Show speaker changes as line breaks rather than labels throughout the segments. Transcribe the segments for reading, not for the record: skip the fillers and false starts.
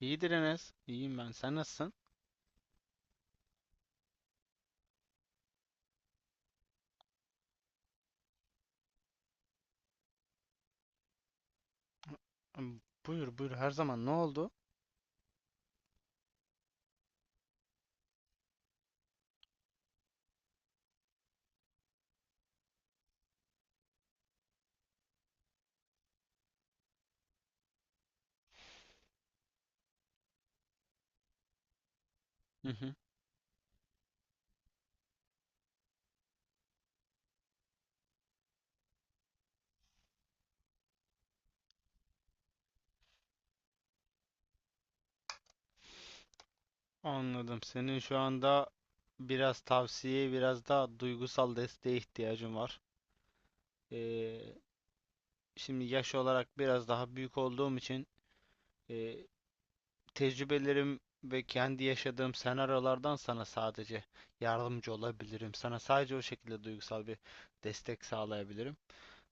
İyidir Enes. İyiyim ben. Sen nasılsın? Hmm, Buyur buyur her zaman. Ne oldu? Hı hı. Anladım. Senin şu anda biraz tavsiye, biraz daha duygusal desteğe ihtiyacın var. Ee, şimdi yaş olarak biraz daha büyük olduğum için e, tecrübelerim ve kendi yaşadığım senaryolardan sana sadece yardımcı olabilirim. Sana sadece o şekilde duygusal bir destek sağlayabilirim.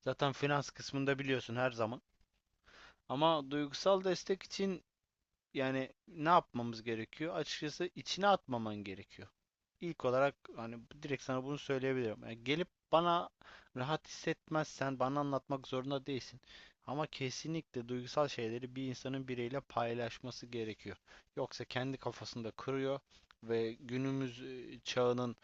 Zaten finans kısmında biliyorsun her zaman. Ama duygusal destek için. Yani ne yapmamız gerekiyor? Açıkçası içine atmaman gerekiyor. İlk olarak hani direkt sana bunu söyleyebilirim. Yani gelip bana rahat hissetmezsen bana anlatmak zorunda değilsin. Ama kesinlikle duygusal şeyleri bir insanın biriyle paylaşması gerekiyor. Yoksa kendi kafasında kırıyor ve günümüz çağının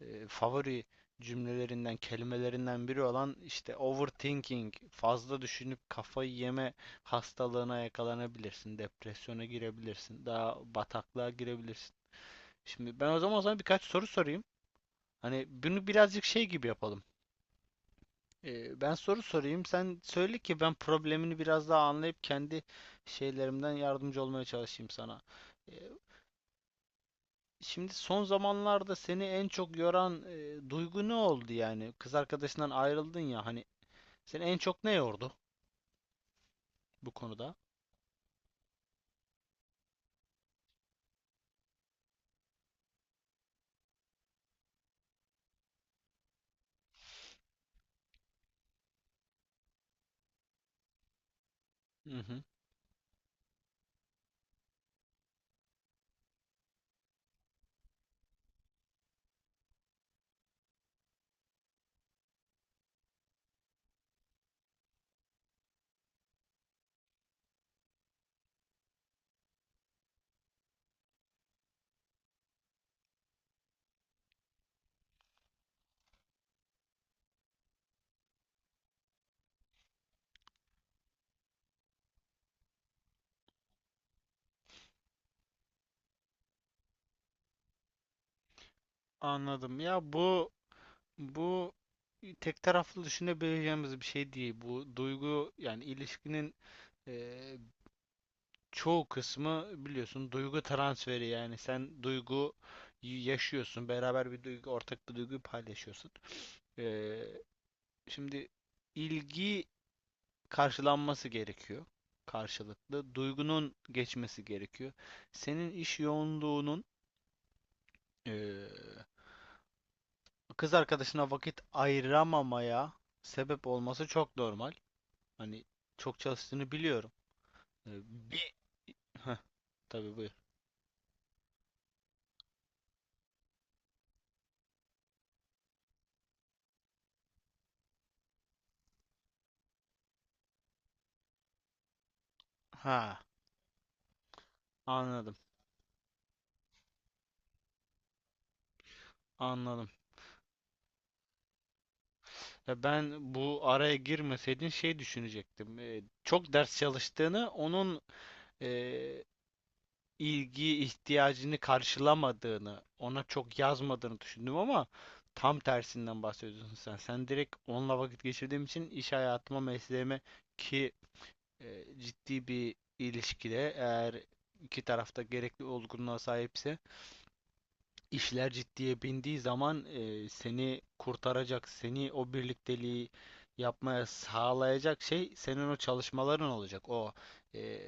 favori cümlelerinden, kelimelerinden biri olan işte overthinking, fazla düşünüp kafayı yeme hastalığına yakalanabilirsin, depresyona girebilirsin, daha bataklığa girebilirsin. Şimdi ben o zaman sana birkaç soru sorayım. Hani bunu birazcık şey gibi yapalım. Ben soru sorayım, sen söyle ki ben problemini biraz daha anlayıp kendi şeylerimden yardımcı olmaya çalışayım sana. E, Şimdi son zamanlarda seni en çok yoran duygu ne oldu yani? Kız arkadaşından ayrıldın ya hani seni en çok ne yordu bu konuda? Hı hı. Anladım. Ya bu tek taraflı düşünebileceğimiz bir şey değil. Bu duygu yani ilişkinin e, çoğu kısmı biliyorsun duygu transferi yani sen duygu yaşıyorsun beraber bir duygu ortak bir duyguyu paylaşıyorsun. Eee, şimdi ilgi karşılanması gerekiyor karşılıklı. Duygunun geçmesi gerekiyor. Senin iş yoğunluğunun eee, kız arkadaşına vakit ayıramamaya sebep olması çok normal. Hani çok çalıştığını biliyorum. Ee, bir. Heh, tabii buyur. Ha, anladım. Anladım. Ya ben bu araya girmeseydin şey düşünecektim. Çok ders çalıştığını onun ee, ilgi ihtiyacını karşılamadığını, ona çok yazmadığını düşündüm ama tam tersinden bahsediyorsun sen. Sen direkt onunla vakit geçirdiğim için iş hayatıma, mesleğime ki ciddi bir ilişkide eğer iki tarafta gerekli olgunluğa sahipse İşler ciddiye bindiği zaman seni kurtaracak, seni o birlikteliği yapmaya sağlayacak şey senin o çalışmaların olacak. O e,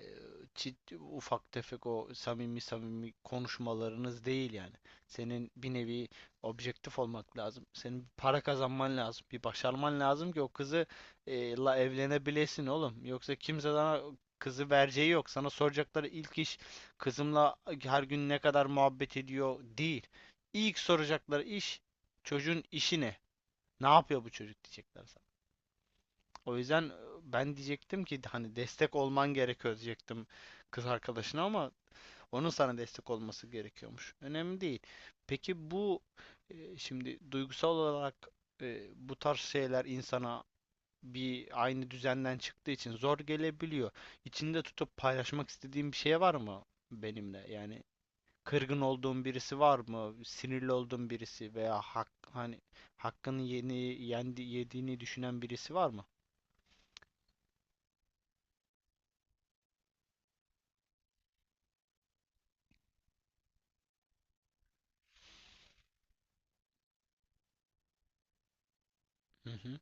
ufak tefek o samimi samimi konuşmalarınız değil yani. Senin bir nevi objektif olmak lazım. Senin bir para kazanman lazım. Bir başarman lazım ki o kızı la evlenebilesin oğlum. Yoksa kimse sana kızı vereceği yok. Sana soracakları ilk iş kızımla her gün ne kadar muhabbet ediyor değil. İlk soracakları iş çocuğun işi ne? Ne yapıyor bu çocuk diyecekler sana. O yüzden ben diyecektim ki hani destek olman gerekiyor diyecektim kız arkadaşına ama onun sana destek olması gerekiyormuş. Önemli değil. Peki bu şimdi duygusal olarak bu tarz şeyler insana bir aynı düzenden çıktığı için zor gelebiliyor. İçinde tutup paylaşmak istediğin bir şey var mı benimle? Yani kırgın olduğun birisi var mı? Sinirli olduğun birisi veya hak, hani hakkını yeni yendi, yediğini düşünen birisi var mı? Hı hı.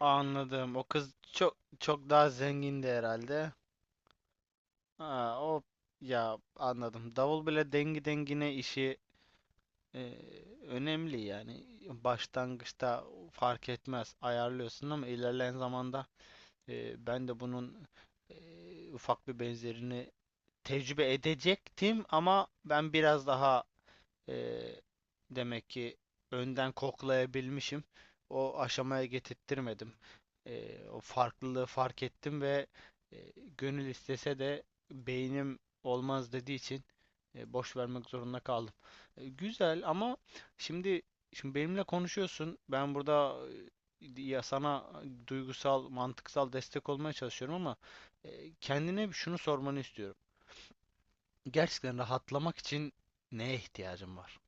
Anladım. O kız çok çok daha zengindi herhalde. Ha, o ya anladım. Davul bile dengi dengine işi e, önemli yani. Başlangıçta fark etmez ayarlıyorsun ama ilerleyen zamanda ben de bunun ufak bir benzerini tecrübe edecektim ama ben biraz daha Ee, demek ki önden koklayabilmişim. O aşamaya getirttirmedim. O farklılığı fark ettim ve e, gönül istese de beynim olmaz dediği için boş vermek zorunda kaldım. Güzel ama şimdi şimdi benimle konuşuyorsun. Ben burada ya sana duygusal, mantıksal destek olmaya çalışıyorum ama kendine şunu sormanı istiyorum. Gerçekten rahatlamak için neye ihtiyacın var?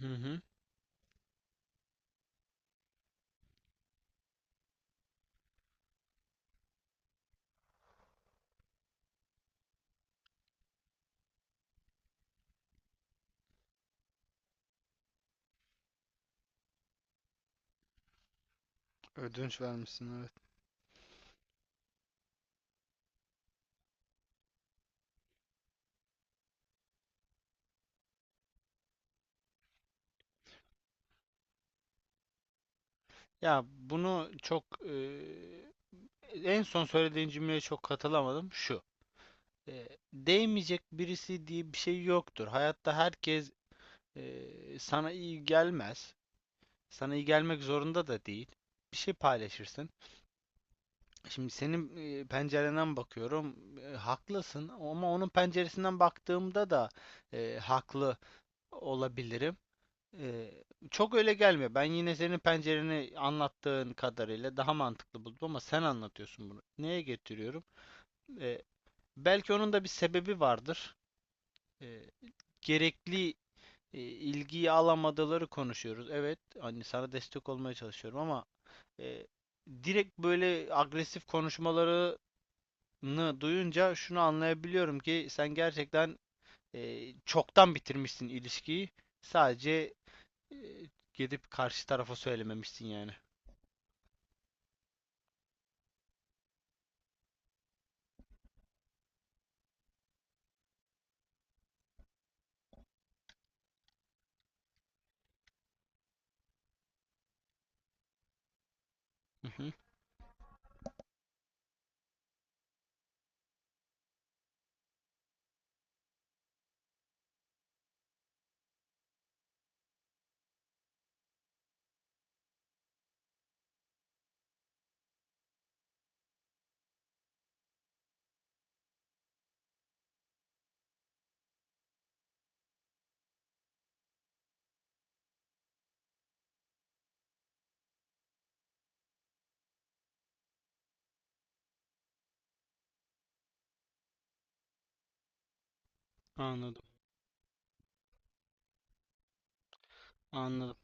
Hı hı. Ödünç vermişsin evet. Ya bunu çok en son söylediğin cümleye çok katılamadım. Şu. Değmeyecek birisi diye bir şey yoktur. Hayatta herkes sana iyi gelmez. Sana iyi gelmek zorunda da değil. Bir şey paylaşırsın. Şimdi senin pencerenden bakıyorum. Haklısın ama onun penceresinden baktığımda da haklı olabilirim. Ee, çok öyle gelmiyor. Ben yine senin pencereni anlattığın kadarıyla daha mantıklı buldum ama sen anlatıyorsun bunu. Neye getiriyorum? Ee, belki onun da bir sebebi vardır. Ee, gerekli ilgiyi alamadıları konuşuyoruz. Evet, hani sana destek olmaya çalışıyorum ama e, direkt böyle agresif konuşmalarını duyunca şunu anlayabiliyorum ki sen gerçekten çoktan bitirmişsin ilişkiyi. Sadece e, gidip karşı tarafa söylememişsin yani. Hı hı, anladım. Anladım.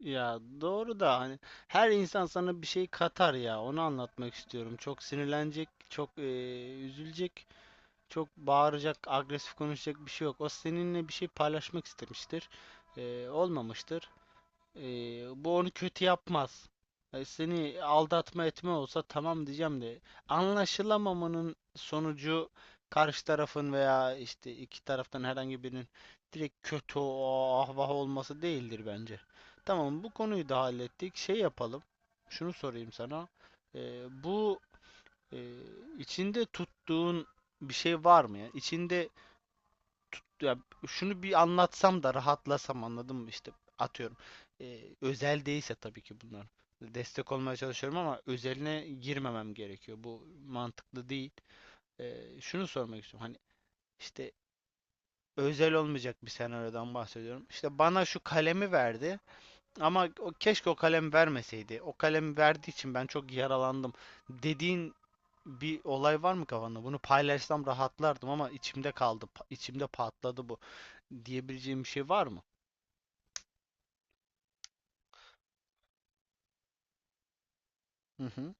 Ya doğru da hani her insan sana bir şey katar ya. Onu anlatmak istiyorum. Çok sinirlenecek, çok üzülecek, çok bağıracak, agresif konuşacak bir şey yok. O seninle bir şey paylaşmak istemiştir. Olmamıştır. Ee, bu onu kötü yapmaz. Seni aldatma etme olsa tamam diyeceğim de anlaşılamamanın sonucu karşı tarafın veya işte iki taraftan herhangi birinin direkt kötü o ah olması değildir bence. Tamam bu konuyu da hallettik. Şey yapalım. Şunu sorayım sana. Bu e, içinde tuttuğun bir şey var mı ya? İçinde ya şunu bir anlatsam da rahatlasam anladın mı işte atıyorum. Özel değilse tabii ki bunlar. Destek olmaya çalışıyorum ama özeline girmemem gerekiyor. Bu mantıklı değil. Şunu sormak istiyorum. Hani işte özel olmayacak bir senaryodan bahsediyorum. İşte bana şu kalemi verdi ama o, keşke o kalem vermeseydi. O kalemi verdiği için ben çok yaralandım dediğin bir olay var mı kafanda? Bunu paylaşsam rahatlardım ama içimde kaldı, içimde patladı bu diyebileceğim bir şey var mı? Hı hı,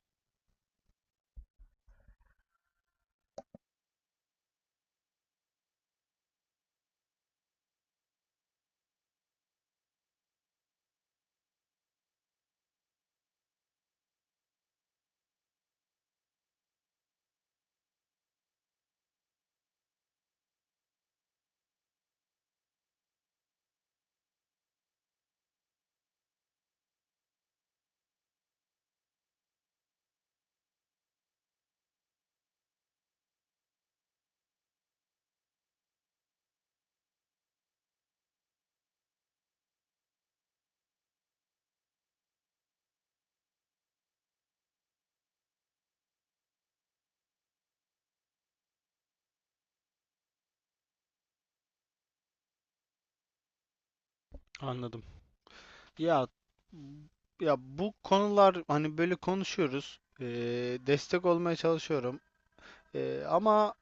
anladım. Ya ya bu konular hani böyle konuşuyoruz. Destek olmaya çalışıyorum. Ama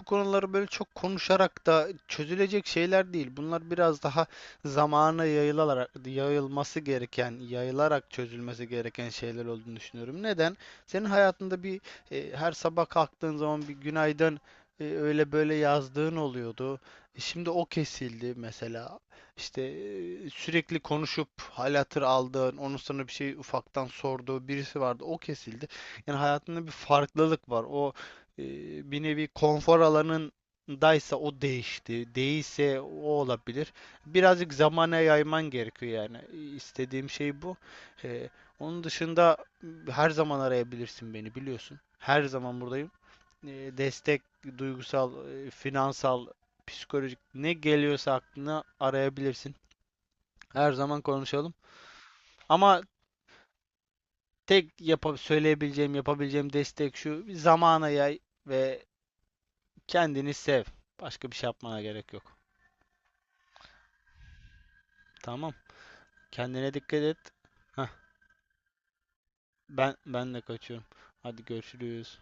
bu konuları böyle çok konuşarak da çözülecek şeyler değil. Bunlar biraz daha zamana yayılarak, yayılması gereken, yayılarak çözülmesi gereken şeyler olduğunu düşünüyorum. Neden? Senin hayatında bir her sabah kalktığın zaman bir günaydın öyle böyle yazdığın oluyordu. Şimdi o kesildi mesela. İşte sürekli konuşup hal hatır aldığın, onun sana bir şey ufaktan sorduğu birisi vardı. O kesildi. Yani hayatında bir farklılık var. O e, bir nevi konfor alanındaysa o değişti. Değilse o olabilir. Birazcık zamana yayman gerekiyor yani. İstediğim şey bu. E, onun dışında her zaman arayabilirsin beni biliyorsun. Her zaman buradayım. E, destek, duygusal, finansal, psikolojik ne geliyorsa aklına arayabilirsin. Her zaman konuşalım. Ama tek yapa söyleyebileceğim, yapabileceğim destek şu. Zamana yay ve kendini sev. Başka bir şey yapmana gerek yok. Tamam. Kendine dikkat et. Heh, ben de kaçıyorum. Hadi görüşürüz.